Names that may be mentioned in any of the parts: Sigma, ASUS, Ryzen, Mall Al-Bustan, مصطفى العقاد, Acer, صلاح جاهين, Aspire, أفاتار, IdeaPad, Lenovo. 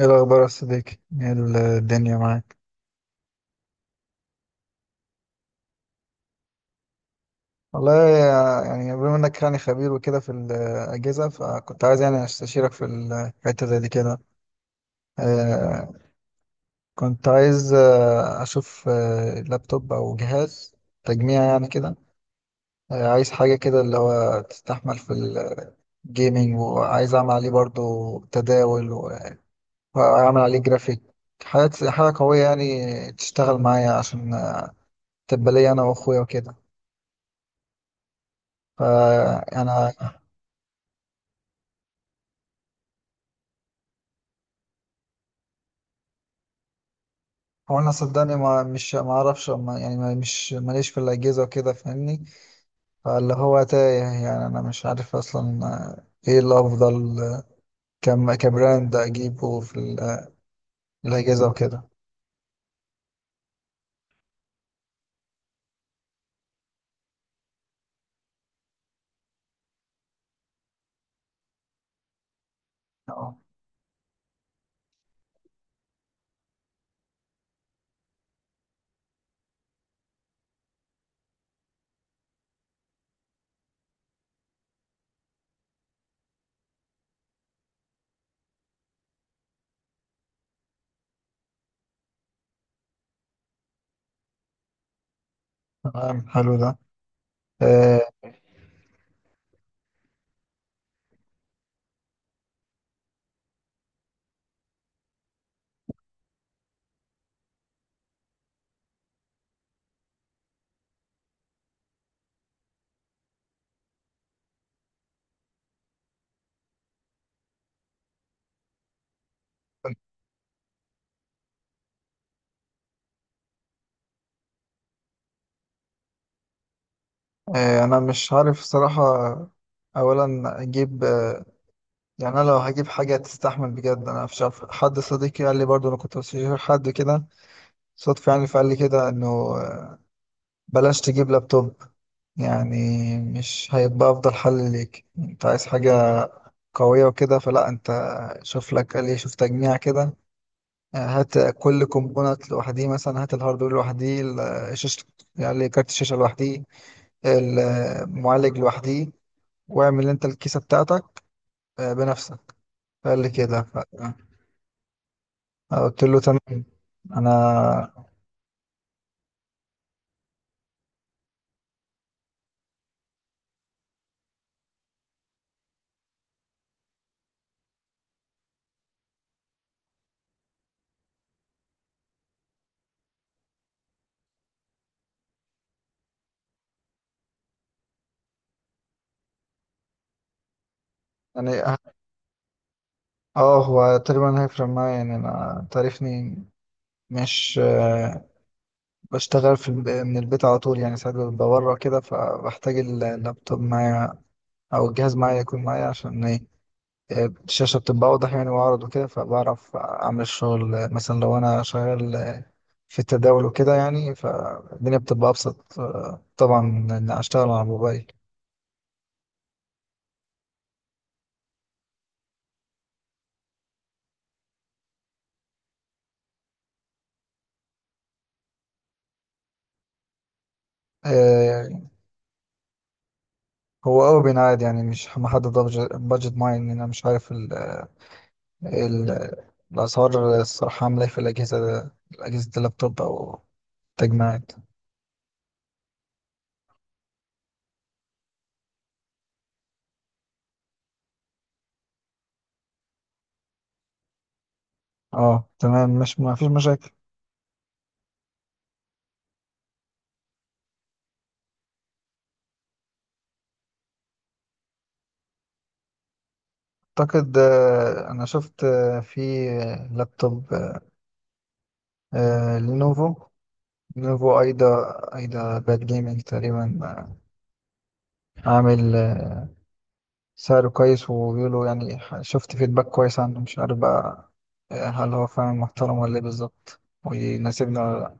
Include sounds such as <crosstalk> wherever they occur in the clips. ايه الاخبار يا صديقي؟ ايه الدنيا معاك؟ والله، يعني بما انك يعني خبير وكده في الاجهزه، فكنت عايز يعني استشيرك في الحته زي دي كده. آه، كنت عايز اشوف لابتوب او جهاز تجميع يعني كده. عايز حاجه كده اللي هو تستحمل في الجيمنج، وعايز اعمل عليه برضو تداول واعمل عليه جرافيك. حاجه حاجه قويه يعني تشتغل معايا، عشان تبقى لي انا واخويا وكده. فانا هو انا صدقني، ما مش ما اعرفش ما يعني ما مش ماليش في الاجهزه وكده، فاهمني. فاللي هو تايه، يعني انا مش عارف اصلا ايه الافضل، كم كبراند اجيبه في الاجهزه وكده. اه تمام، حلو ده. آه، انا مش عارف صراحه. اولا اجيب، يعني انا لو هجيب حاجه تستحمل بجد، انا مش عارف. حد صديقي قال لي برضو، انا كنت بشوف حد كده صدفه يعني، فقال لي كده انه بلاش تجيب لابتوب. يعني مش هيبقى افضل حل ليك، انت عايز حاجة قوية وكده. فلا، انت شوف لك، قال ايه، شوف تجميع كده. هات كل كومبوننت لوحديه، مثلا هات الهاردوير لوحديه، شاشة، يعني كارت الشاشة لوحديه، المعالج لوحديه، واعمل انت الكيسة بتاعتك بنفسك. قال لي كده. قلت له تمام. انا يعني اه، هو تقريبا هيفرق معايا. يعني انا تعرفني، مش بشتغل في من البيت على طول. يعني ساعات ببقى بره كده، فبحتاج اللابتوب معايا، أو الجهاز معايا، يكون معايا عشان إيه؟ الشاشة بتبقى أوضح يعني وأعرض وكده، فبعرف أعمل الشغل. مثلا لو أنا شغال في التداول وكده، يعني فالدنيا بتبقى أبسط، طبعا، من إن أشتغل على الموبايل. آه، هو أوي بينعاد، يعني مش محدد بادجت معين. إن أنا مش عارف ال... الأسعار الصراحة عاملة إيه في الأجهزة. اللابتوب أو التجميعات. اه تمام، مش ما فيش مشاكل. اعتقد، انا شفت، في لابتوب آه، لينوفو لينوفو ايدا باد جيمنج تقريبا. عامل سعره كويس، وبيقولوا يعني، شفت فيدباك كويس عنه. مش عارف بقى، هل هو فعلا محترم ولا ايه بالظبط، ويناسبنا ولا لا؟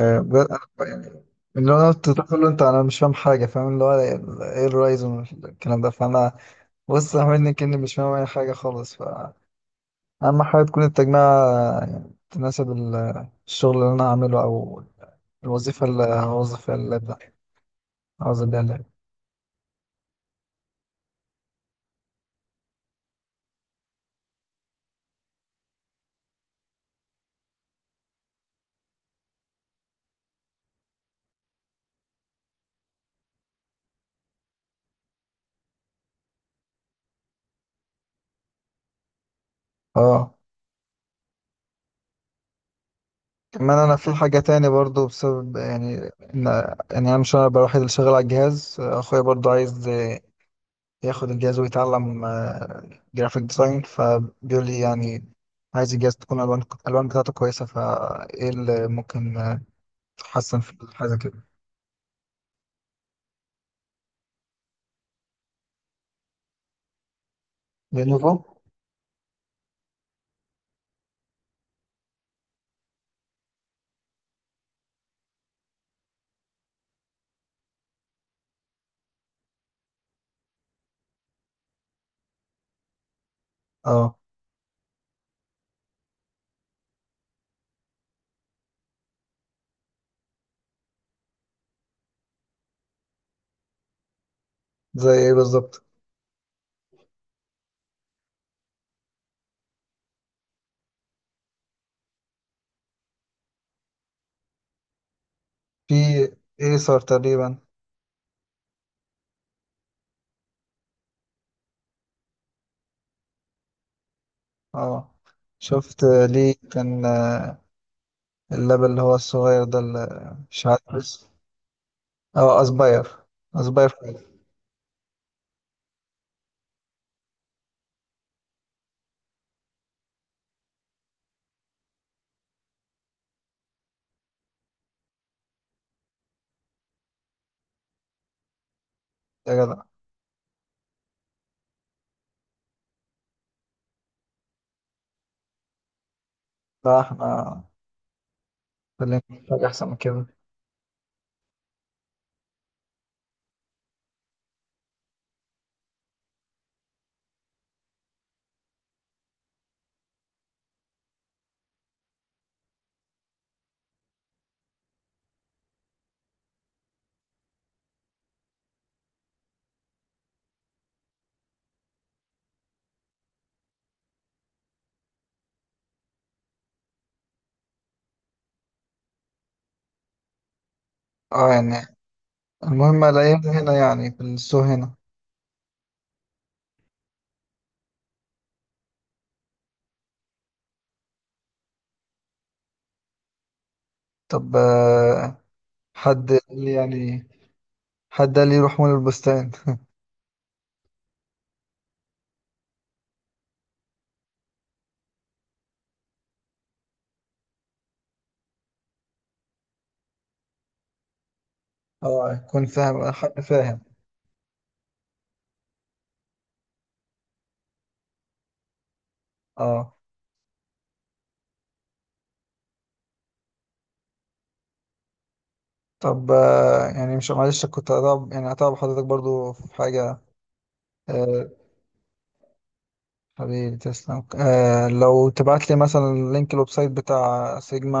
آه، بجد؟ أنا يعني، اللي انا قلت تقول له انت، انا مش فاهم حاجه، فاهم اللي هو ايه الرايزون والكلام ده. فانا بص، عاملني كأني مش فاهم اي حاجه خالص. اهم حاجه تكون التجميعة يعني تناسب الشغل اللي انا هعمله، او الوظيفه اللي هوظف فيها اللاب ده، هوظف بيها اللاب. اه، كمان انا في حاجه تاني برضو بسبب يعني ان، يعني انا مش انا الوحيد اللي شغال على الجهاز. اخويا برضو عايز ياخد الجهاز ويتعلم جرافيك ديزاين، فبيقول لي يعني عايز الجهاز تكون الالوان بتاعته كويسه. فايه اللي ممكن تحسن في حاجه كده؟ لينوفو. اه، زي ايه بالظبط؟ في ايسر تقريبا. اه، شفت. ليه كان اللاب اللي هو الصغير ده اللي مش عارف اسمه؟ اه، اسباير. اسباير فايف. يا جدع! لا، احنا خلينا في حاجة احسن من كده. اه يعني، المهم الاقيهم هنا يعني، في السوق هنا. طب حد قال لي يعني حد قال لي روح مول البستان <laughs> اه، يكون فاهم، حد فاهم، اه. طب يعني مش، معلش كنت هتعب، يعني هتعب حضرتك برضو في حاجة. آه، حبيبي تسلم. آه، لو تبعت لي مثلا لينك الويب سايت بتاع سيجما،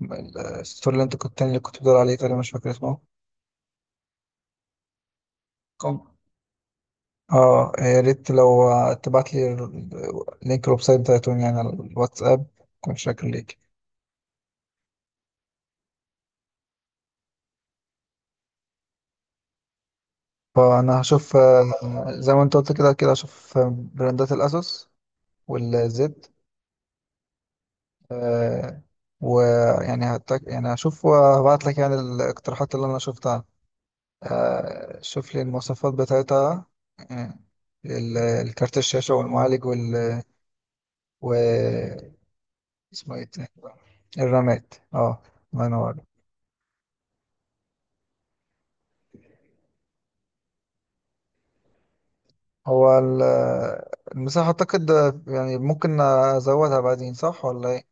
والستور اللي انت كنت، التاني اللي كنت بتقول عليه، تقريبا مش فاكر اسمه. كوم. اه، يا ريت لو تبعت لي لينك الويب سايت بتاعتهم، يعني على الواتساب، كنت شاكر ليك. فانا هشوف، زي ما انت قلت، كده كده هشوف براندات الاسوس والزد. آه، ويعني يعني هشوف وهبعت لك يعني الاقتراحات اللي انا شفتها. شوف لي المواصفات بتاعتها، آه، الكارت الشاشة، والمعالج، وال و اسمه ايه تاني؟ الرامات، اه. الله ينور. هو المساحة أعتقد يعني ممكن أزودها بعدين، صح ولا ايه؟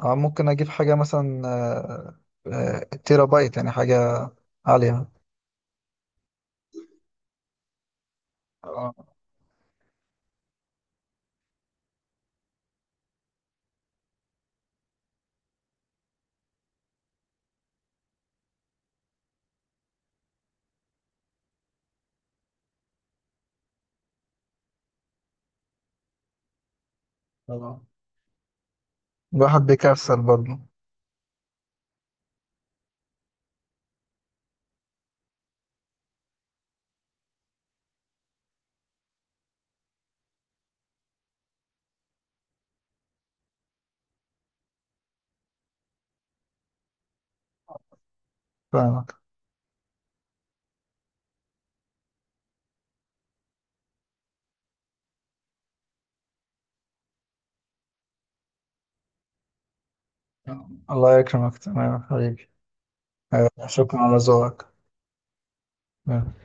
اه، ممكن أجيب حاجة مثلا، تيرا بايت، يعني حاجة عالية. اه طبعا، الواحد بيكسل برضه. فاهمك. آه. الله يكرمك. تمام يا حبيبي. آه، شكرا على ذوقك. آه.